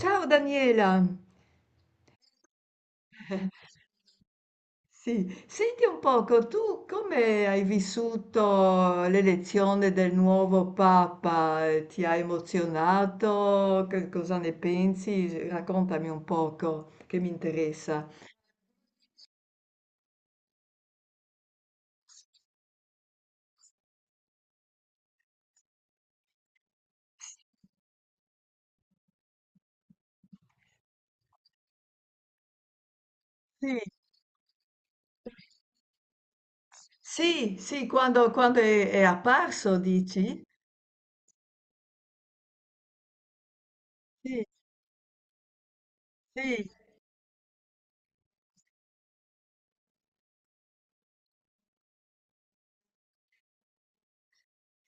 Ciao Daniela, sì, senti un poco, tu come hai vissuto l'elezione del nuovo Papa? Ti ha emozionato? Che cosa ne pensi? Raccontami un poco, che mi interessa. Sì, sì, sì, quando è apparso, dici? Sì, sì,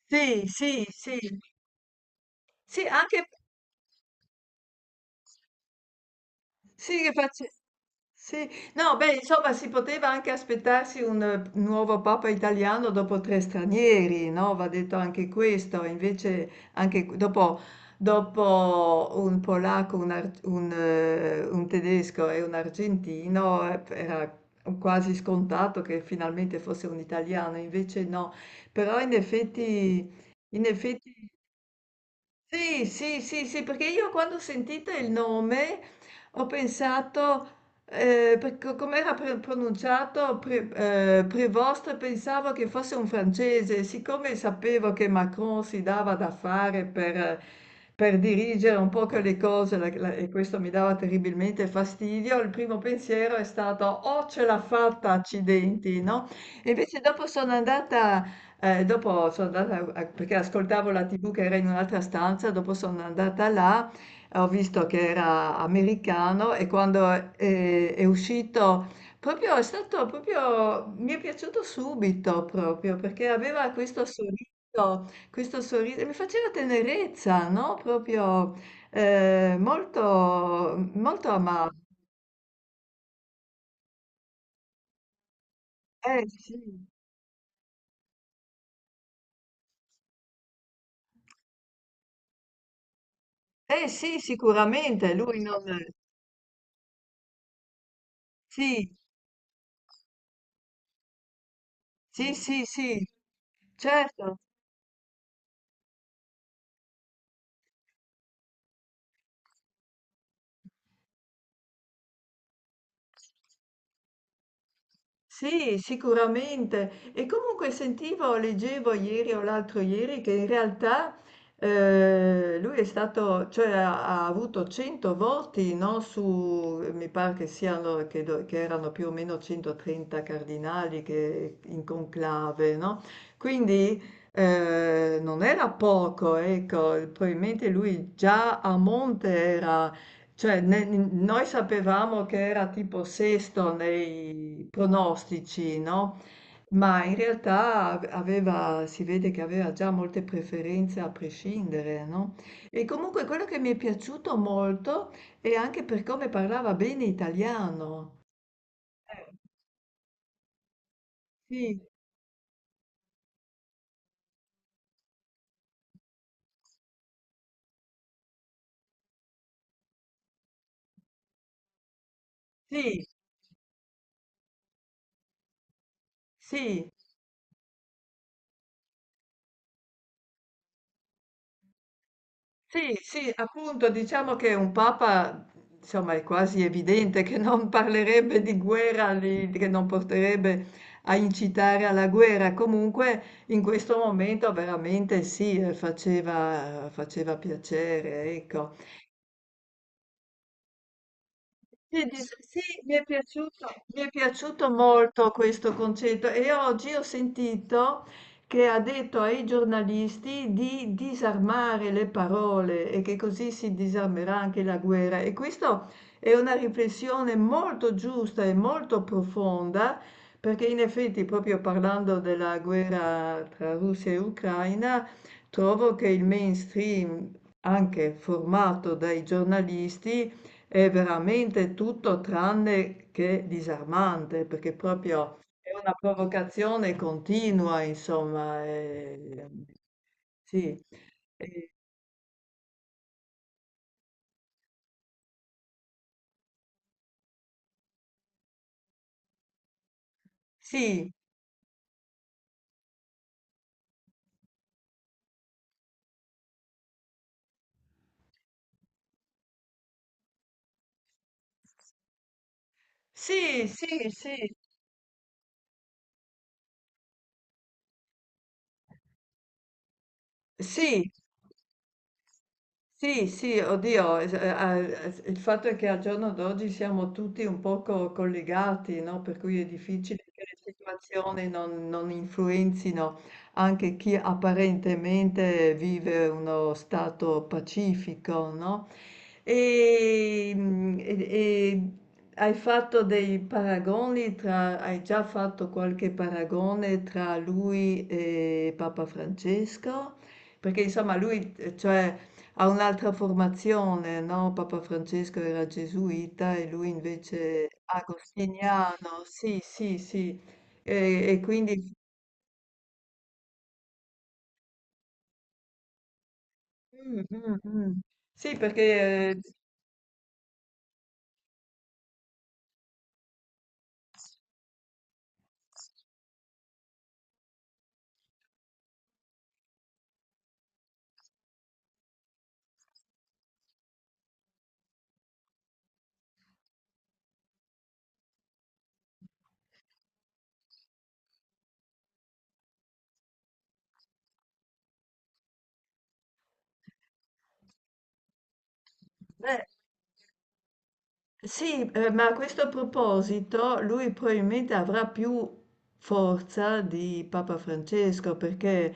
sì, sì, sì, sì, anche, sì, Sì, no, beh, insomma, si poteva anche aspettarsi un nuovo papa italiano dopo tre stranieri, no? Va detto anche questo, invece anche dopo, dopo un polacco, un tedesco e un argentino era quasi scontato che finalmente fosse un italiano, invece no. Però in effetti sì, sì, sì, sì, perché io quando ho sentito il nome ho pensato, come era pronunciato Prevost, pensavo che fosse un francese, siccome sapevo che Macron si dava da fare per dirigere un po' che le cose e questo mi dava terribilmente fastidio, il primo pensiero è stato, oh, ce l'ha fatta, accidenti, no? E invece dopo sono andata perché ascoltavo la TV che era in un'altra stanza, dopo sono andata là, ho visto che era americano e quando è uscito, proprio, è stato proprio, mi è piaciuto subito proprio, perché aveva questo sorriso, mi faceva tenerezza, no? Proprio molto, molto amato. Eh sì, sì, sicuramente, lui non... sì, sì, sì, sì, certo. Sì, sicuramente. E comunque sentivo, leggevo ieri o l'altro ieri che in realtà lui è stato, cioè ha avuto 100 voti, no, su, mi pare che siano, che erano più o meno 130 cardinali che, in conclave, no? Quindi non era poco, ecco, probabilmente lui già a monte era. Cioè ne n noi sapevamo che era tipo sesto nei pronostici, no, ma in realtà aveva, si vede che aveva già molte preferenze a prescindere, no, e comunque quello che mi è piaciuto molto è anche per come parlava bene italiano. Eh, sì, sì, sì. Sì, sì, appunto, diciamo che un papa, insomma, è quasi evidente che non parlerebbe di guerra, che non porterebbe a incitare alla guerra. Comunque, in questo momento veramente sì, faceva, faceva piacere, ecco. Mi è piaciuto molto questo concetto e oggi ho sentito che ha detto ai giornalisti di disarmare le parole e che così si disarmerà anche la guerra. E questa è una riflessione molto giusta e molto profonda, perché in effetti, proprio parlando della guerra tra Russia e Ucraina, trovo che il mainstream, anche formato dai giornalisti, è veramente tutto tranne che disarmante, perché proprio è una provocazione continua, insomma. È- Sì. Eh, sì, sì, sì, sì, sì, sì, sì, oddio, il fatto è che al giorno d'oggi siamo tutti un poco collegati, no? Per cui è difficile che le situazioni non influenzino anche chi apparentemente vive uno stato pacifico, no? E, mm, e- e hai fatto dei paragoni tra, hai già fatto qualche paragone tra lui e Papa Francesco? Perché insomma lui, cioè... Ha un'altra formazione, no? Papa Francesco era gesuita e lui invece agostiniano, sì, sì, sì. E quindi... Mm, mm, mm. Sì, perché... eh, Sì, ma a questo proposito lui probabilmente avrà più forza di Papa Francesco, perché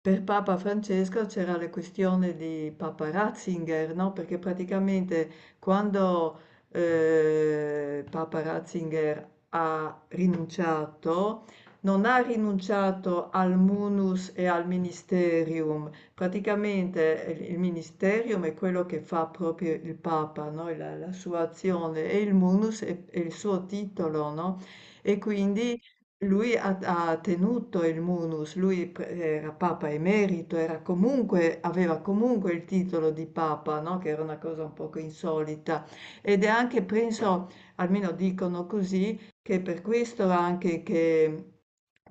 per Papa Francesco c'era la questione di Papa Ratzinger, no? Perché praticamente quando Papa Ratzinger ha rinunciato, non ha rinunciato al munus e al ministerium. Praticamente il ministerium è quello che fa proprio il Papa, no? La sua azione, e il munus è il suo titolo, no? E quindi lui ha, ha tenuto il munus, era Papa emerito, era comunque, aveva comunque il titolo di Papa, no? Che era una cosa un poco insolita. Ed è anche, penso, almeno dicono così, che per questo anche che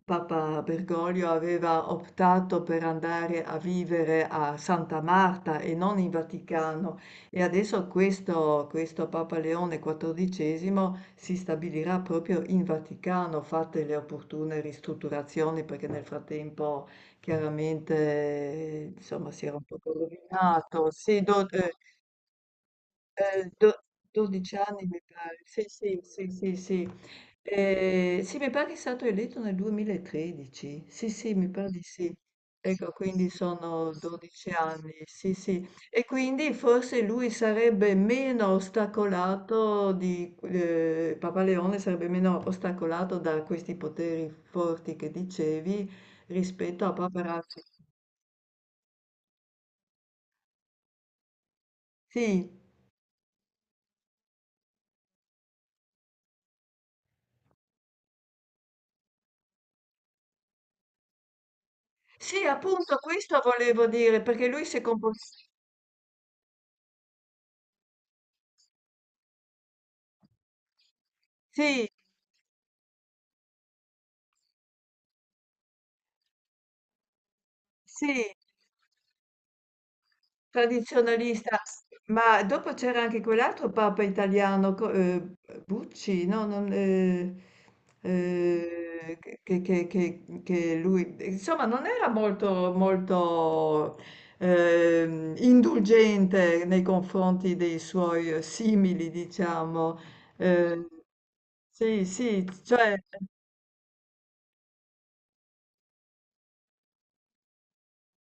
Papa Bergoglio aveva optato per andare a vivere a Santa Marta e non in Vaticano, e adesso questo, questo Papa Leone XIV si stabilirà proprio in Vaticano, fatte le opportune ristrutturazioni, perché nel frattempo chiaramente insomma, si era un po' rovinato. Sì, do- do 12 anni mi pare. Sì, sì, sì, sì, sì. Sì, mi pare che è stato eletto nel 2013. Sì, sì, mi pare di sì. Ecco, quindi sono 12 anni, sì, sì. E quindi forse lui sarebbe meno ostacolato di, Papa Leone sarebbe meno ostacolato da questi poteri forti che dicevi rispetto a Paparazzi. Sì, sì, appunto questo volevo dire, perché lui si è comportato... Sì, tradizionalista, ma dopo c'era anche quell'altro papa italiano, Bucci, no, non, che lui, insomma, non era molto, molto indulgente nei confronti dei suoi simili, diciamo. Eh, sì, sì, cioè...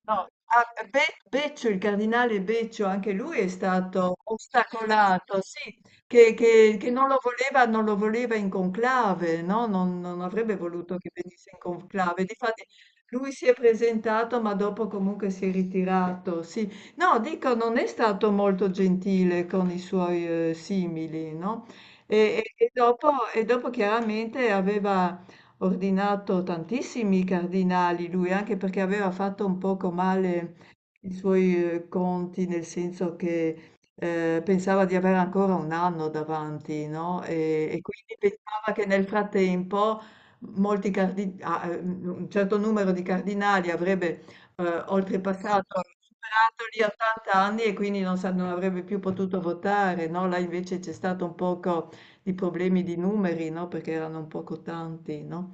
No, ah, Be Beccio, il cardinale Beccio, anche lui è stato ostacolato, sì, che non lo voleva, non lo voleva in conclave, no? Non, non avrebbe voluto che venisse in conclave. Difatti lui si è presentato, ma dopo comunque si è ritirato, sì. No, dico, non è stato molto gentile con i suoi simili, no? E, e dopo chiaramente aveva ordinato tantissimi cardinali lui, anche perché aveva fatto un poco male i suoi conti, nel senso che pensava di avere ancora un anno davanti, no? E quindi pensava che nel frattempo un certo numero di cardinali avrebbe oltrepassato, superato gli 80 anni e quindi non avrebbe più potuto votare, no? Là invece c'è stato un poco di problemi di numeri, no? Perché erano un poco tanti, no?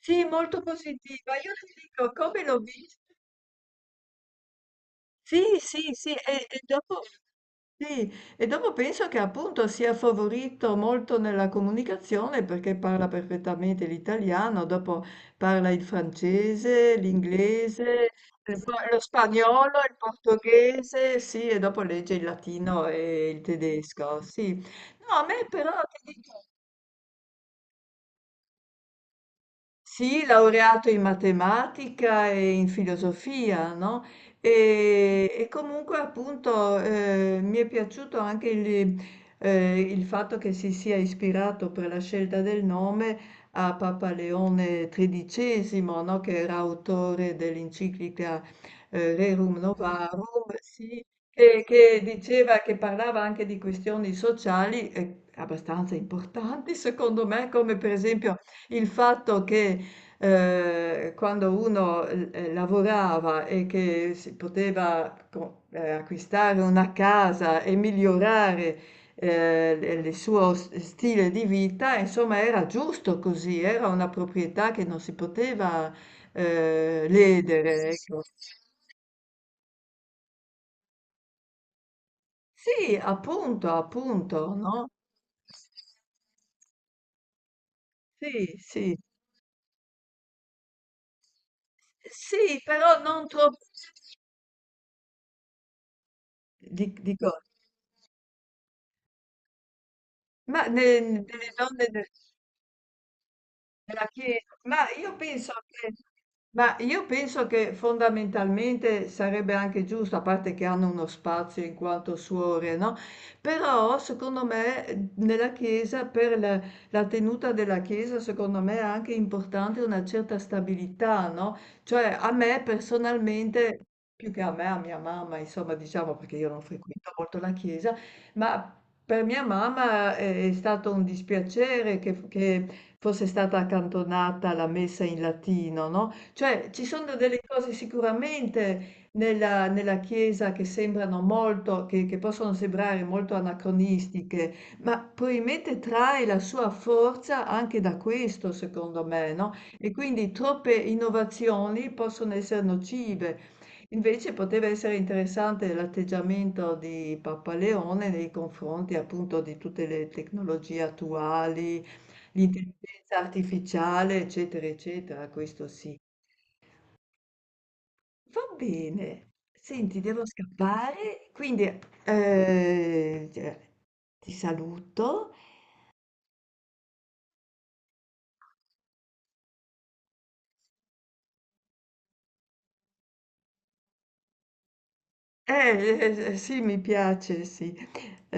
Sì, molto positiva. Io ti dico, come l'ho vista? Sì, sì, sì, e dopo, sì, e dopo penso che appunto sia favorito molto nella comunicazione perché parla perfettamente l'italiano, dopo parla il francese, l'inglese, lo spagnolo, il portoghese, sì, e dopo legge il latino e il tedesco, sì. No, a me però, ti dico, sì, laureato in matematica e in filosofia, no? E comunque appunto mi è piaciuto anche il fatto che si sia ispirato per la scelta del nome a Papa Leone XIII, no? Che era autore dell'enciclica Rerum Novarum, sì, che diceva, che parlava anche di questioni sociali abbastanza importanti, secondo me, come per esempio il fatto che quando uno lavorava e che si poteva acquistare una casa e migliorare il suo stile di vita, insomma, era giusto così, era una proprietà che non si poteva ledere, ecco. Sì, appunto, appunto, no? Sì, sì, sì, però non troppo. Dico, ma delle donne. Nella chiesa, ma io penso che ma io penso che fondamentalmente sarebbe anche giusto, a parte che hanno uno spazio in quanto suore, no, però secondo me nella chiesa, la tenuta della chiesa, secondo me è anche importante una certa stabilità, no? Cioè a me personalmente, più che a me, a mia mamma, insomma, diciamo perché io non frequento molto la chiesa, ma... Per mia mamma è stato un dispiacere che fosse stata accantonata la messa in latino, no, cioè ci sono delle cose sicuramente nella Chiesa che sembrano molto che possono sembrare molto anacronistiche, ma probabilmente trae la sua forza anche da questo secondo me, no, e quindi troppe innovazioni possono essere nocive. Invece poteva essere interessante l'atteggiamento di Papa Leone nei confronti appunto di tutte le tecnologie attuali, l'intelligenza artificiale, eccetera, eccetera, questo sì. Va bene. Senti, devo scappare, quindi eh, cioè, ti saluto. Sì, mi piace, sì.